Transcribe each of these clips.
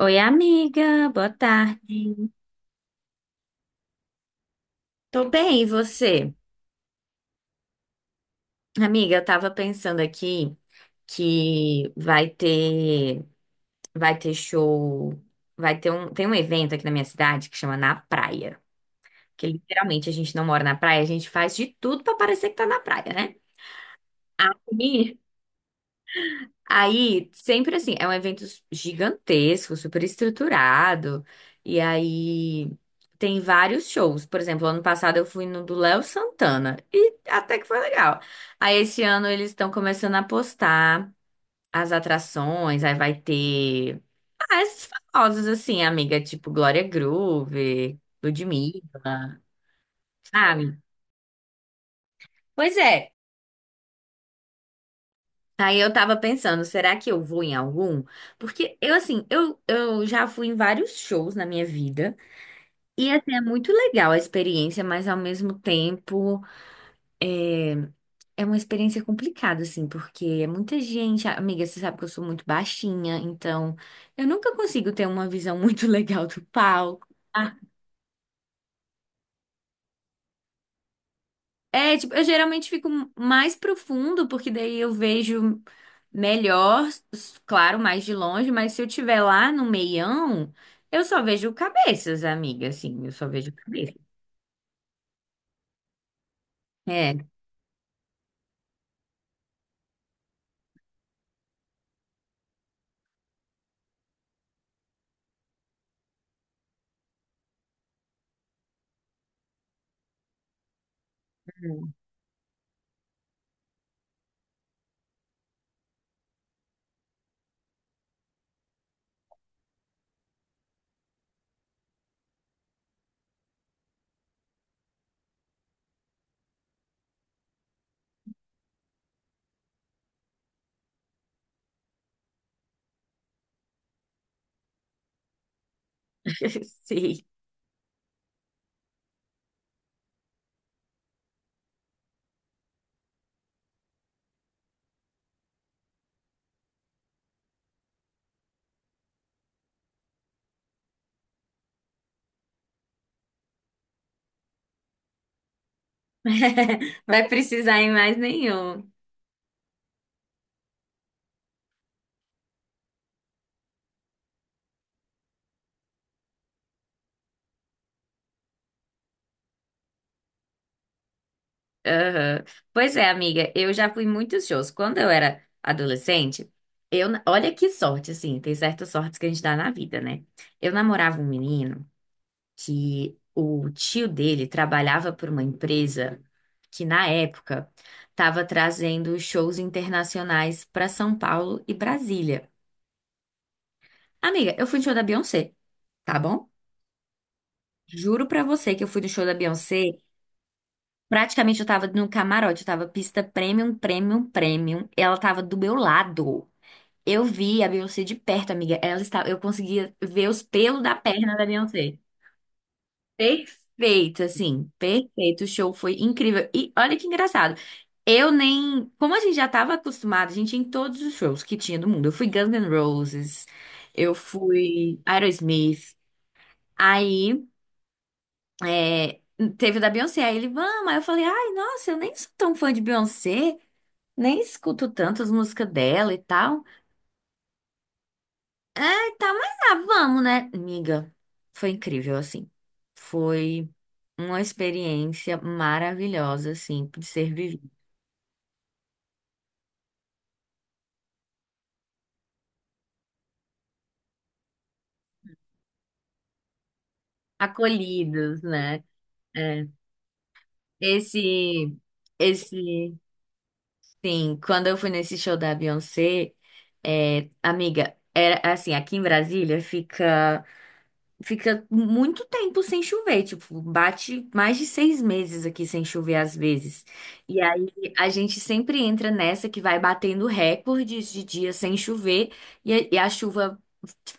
Oi, amiga, boa tarde. Tô bem, e você? Amiga, eu tava pensando aqui que vai ter show, vai ter um tem um evento aqui na minha cidade que chama Na Praia, que literalmente a gente não mora na praia, a gente faz de tudo pra parecer que tá na praia, né? E aí, sempre assim, é um evento gigantesco, super estruturado. E aí tem vários shows. Por exemplo, ano passado eu fui no do Léo Santana e até que foi legal. Aí esse ano eles estão começando a postar as atrações, aí vai ter ah, esses famosos assim, amiga, tipo Glória Groove, Ludmilla, sabe? Pois é. Aí eu tava pensando, será que eu vou em algum? Porque eu, assim, eu já fui em vários shows na minha vida. E, assim, é muito legal a experiência, mas ao mesmo tempo é, é uma experiência complicada, assim, porque é muita gente. Amiga, você sabe que eu sou muito baixinha, então eu nunca consigo ter uma visão muito legal do palco. É, tipo, eu geralmente fico mais profundo, porque daí eu vejo melhor, claro, mais de longe, mas se eu tiver lá no meião, eu só vejo cabeças, amiga, assim, eu só vejo cabeça. É. Hum. Sim. Vai precisar em mais nenhum. Aham. Pois é, amiga, eu já fui em muitos shows. Quando eu era adolescente, olha que sorte, assim, tem certas sortes que a gente dá na vida, né? Eu namorava um menino. Que o tio dele trabalhava por uma empresa que, na época, estava trazendo shows internacionais para São Paulo e Brasília. Amiga, eu fui no show da Beyoncé, tá bom? Juro pra você que eu fui no show da Beyoncé. Praticamente eu tava no camarote, eu tava pista premium, premium, premium. Ela tava do meu lado. Eu vi a Beyoncé de perto, amiga. Ela estava, eu conseguia ver os pelos da perna da Beyoncé. Perfeito, assim, perfeito. O show foi incrível. E olha que engraçado. Eu nem. Como a gente já estava acostumado, a gente ia em todos os shows que tinha do mundo. Eu fui Guns N' Roses, eu fui Aerosmith. Aí é, teve o da Beyoncé. Aí ele, vamos. Aí eu falei, ai, nossa, eu nem sou tão fã de Beyoncé, nem escuto tanto as músicas dela e tal. Tá, mas ah, vamos, né, amiga? Foi incrível, assim. Foi uma experiência maravilhosa, assim, de ser vivida. Acolhidos, né? É. Esse, esse, sim, quando eu fui nesse show da Beyoncé, é, amiga, era assim, aqui em Brasília fica muito tempo sem chover, tipo, bate mais de 6 meses aqui sem chover às vezes. E aí a gente sempre entra nessa que vai batendo recordes de dias sem chover e a chuva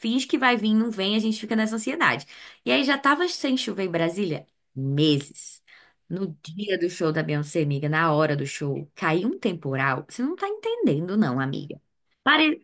finge que vai vir, não vem, a gente fica nessa ansiedade. E aí já tava sem chover em Brasília meses. No dia do show da Beyoncé, amiga, na hora do show, caiu um temporal. Você não tá entendendo, não, amiga. Pare...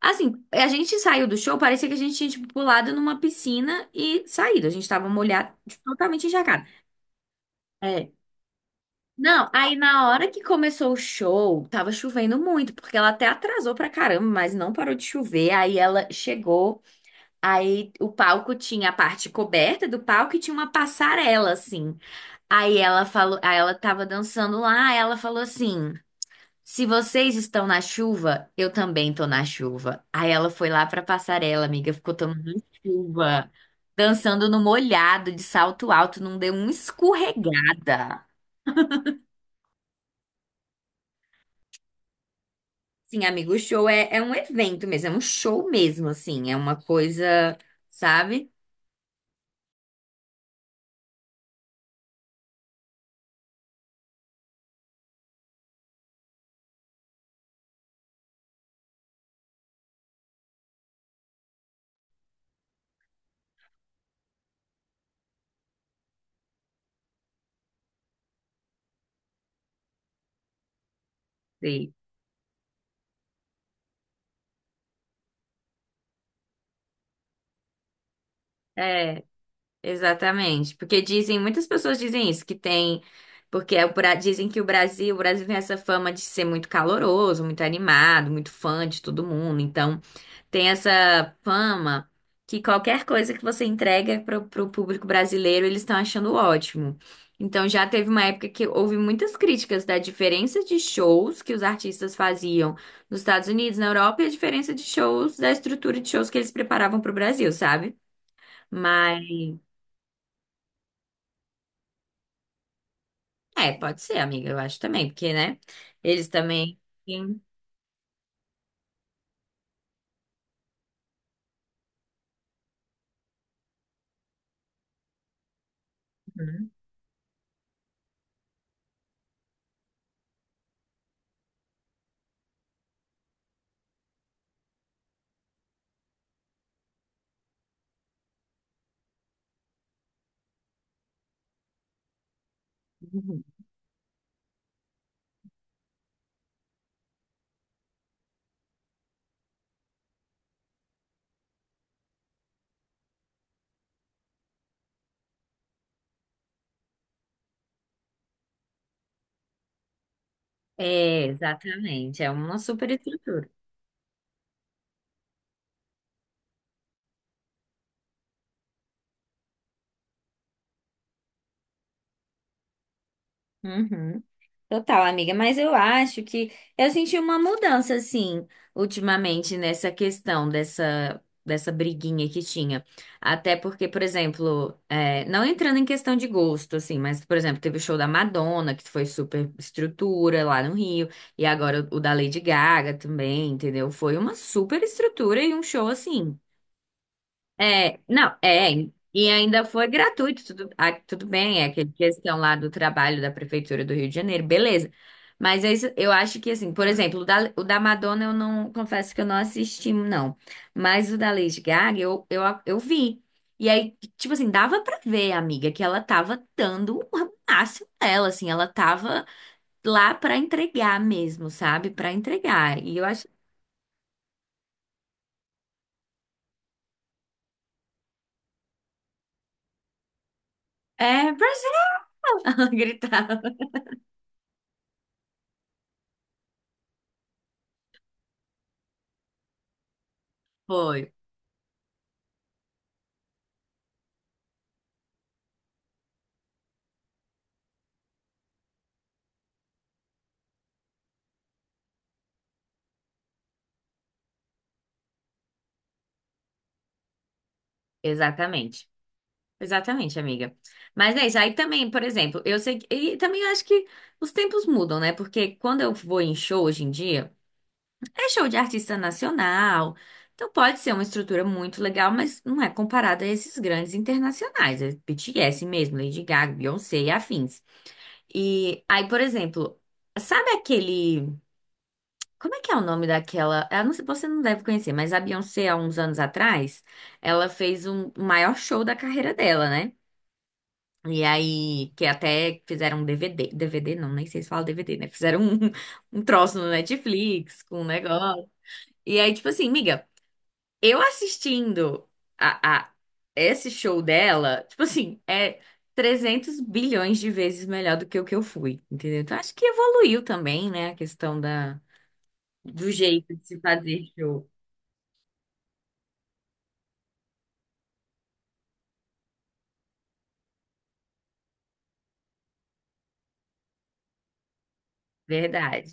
Assim, a gente saiu do show, parecia que a gente tinha, tipo, pulado numa piscina e saído. A gente tava molhado, tipo, totalmente encharcado. É. Não, aí na hora que começou o show, tava chovendo muito, porque ela até atrasou pra caramba, mas não parou de chover. Aí ela chegou, aí o palco tinha a parte coberta do palco e tinha uma passarela, assim. Aí ela falou, aí ela tava dançando lá, aí ela falou assim. Se vocês estão na chuva, eu também tô na chuva. Aí ela foi lá pra passarela, amiga, ficou tomando chuva, dançando no molhado, de salto alto, não deu uma escorregada. Sim, amigo, o show é um evento mesmo, é um show mesmo, assim, é uma coisa, sabe? Sim. É. Exatamente, porque dizem, muitas pessoas dizem isso, que tem, porque é o dizem que o Brasil tem essa fama de ser muito caloroso, muito animado, muito fã de todo mundo, então tem essa fama que qualquer coisa que você entrega para o público brasileiro, eles estão achando ótimo. Então já teve uma época que houve muitas críticas da diferença de shows que os artistas faziam nos Estados Unidos, na Europa, e a diferença de shows, da estrutura de shows que eles preparavam para o Brasil, sabe? Mas é, pode ser, amiga, eu acho também, porque, né? Eles também. Uhum. Uhum. É, exatamente, é uma super estrutura. Total, amiga, mas eu acho que eu senti uma mudança, assim, ultimamente nessa questão dessa briguinha que tinha. Até porque, por exemplo, é, não entrando em questão de gosto, assim, mas, por exemplo, teve o show da Madonna, que foi super estrutura lá no Rio, e agora o da Lady Gaga também, entendeu? Foi uma super estrutura e um show, assim, não, e ainda foi gratuito, tudo, ah, tudo bem, é aquela questão lá do trabalho da Prefeitura do Rio de Janeiro, beleza. Mas é isso, eu acho que assim, por exemplo, o da Madonna eu não, confesso que eu não assisti, não. Mas o da Lady Gaga eu vi. E aí, tipo assim, dava pra ver, amiga, que ela tava dando o máximo dela, assim, ela tava lá pra entregar mesmo, sabe? Pra entregar. E eu acho, Brasil! Ela gritava. Foi, exatamente. Exatamente, amiga. Mas é isso. Aí também, por exemplo, eu sei que. E também acho que os tempos mudam, né? Porque quando eu vou em show hoje em dia, é show de artista nacional. Então pode ser uma estrutura muito legal, mas não é comparada a esses grandes internacionais. É BTS mesmo, Lady Gaga, Beyoncé e afins. E aí, por exemplo, sabe aquele. Como é que é o nome daquela? Eu não sei, você não deve conhecer, mas a Beyoncé, há uns anos atrás, ela fez um o maior show da carreira dela, né? E aí, que até fizeram um DVD, DVD não, nem sei se fala DVD, né? Fizeram um, um troço no Netflix com um negócio. E aí, tipo assim, miga, eu assistindo a esse show dela, tipo assim, é 300 bilhões de vezes melhor do que o que eu fui, entendeu? Então, acho que evoluiu também, né? A questão da, do jeito de se fazer show. Verdade.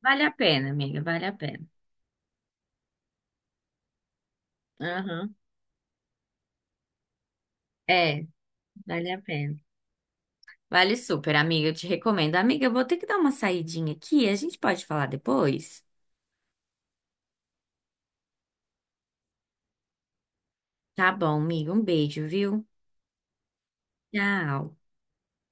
Vale a pena, amiga, vale a pena. Aham. É, vale a pena. Vale super, amiga. Eu te recomendo. Amiga, eu vou ter que dar uma saidinha aqui. A gente pode falar depois? Tá bom, amiga. Um beijo, viu? Tchau.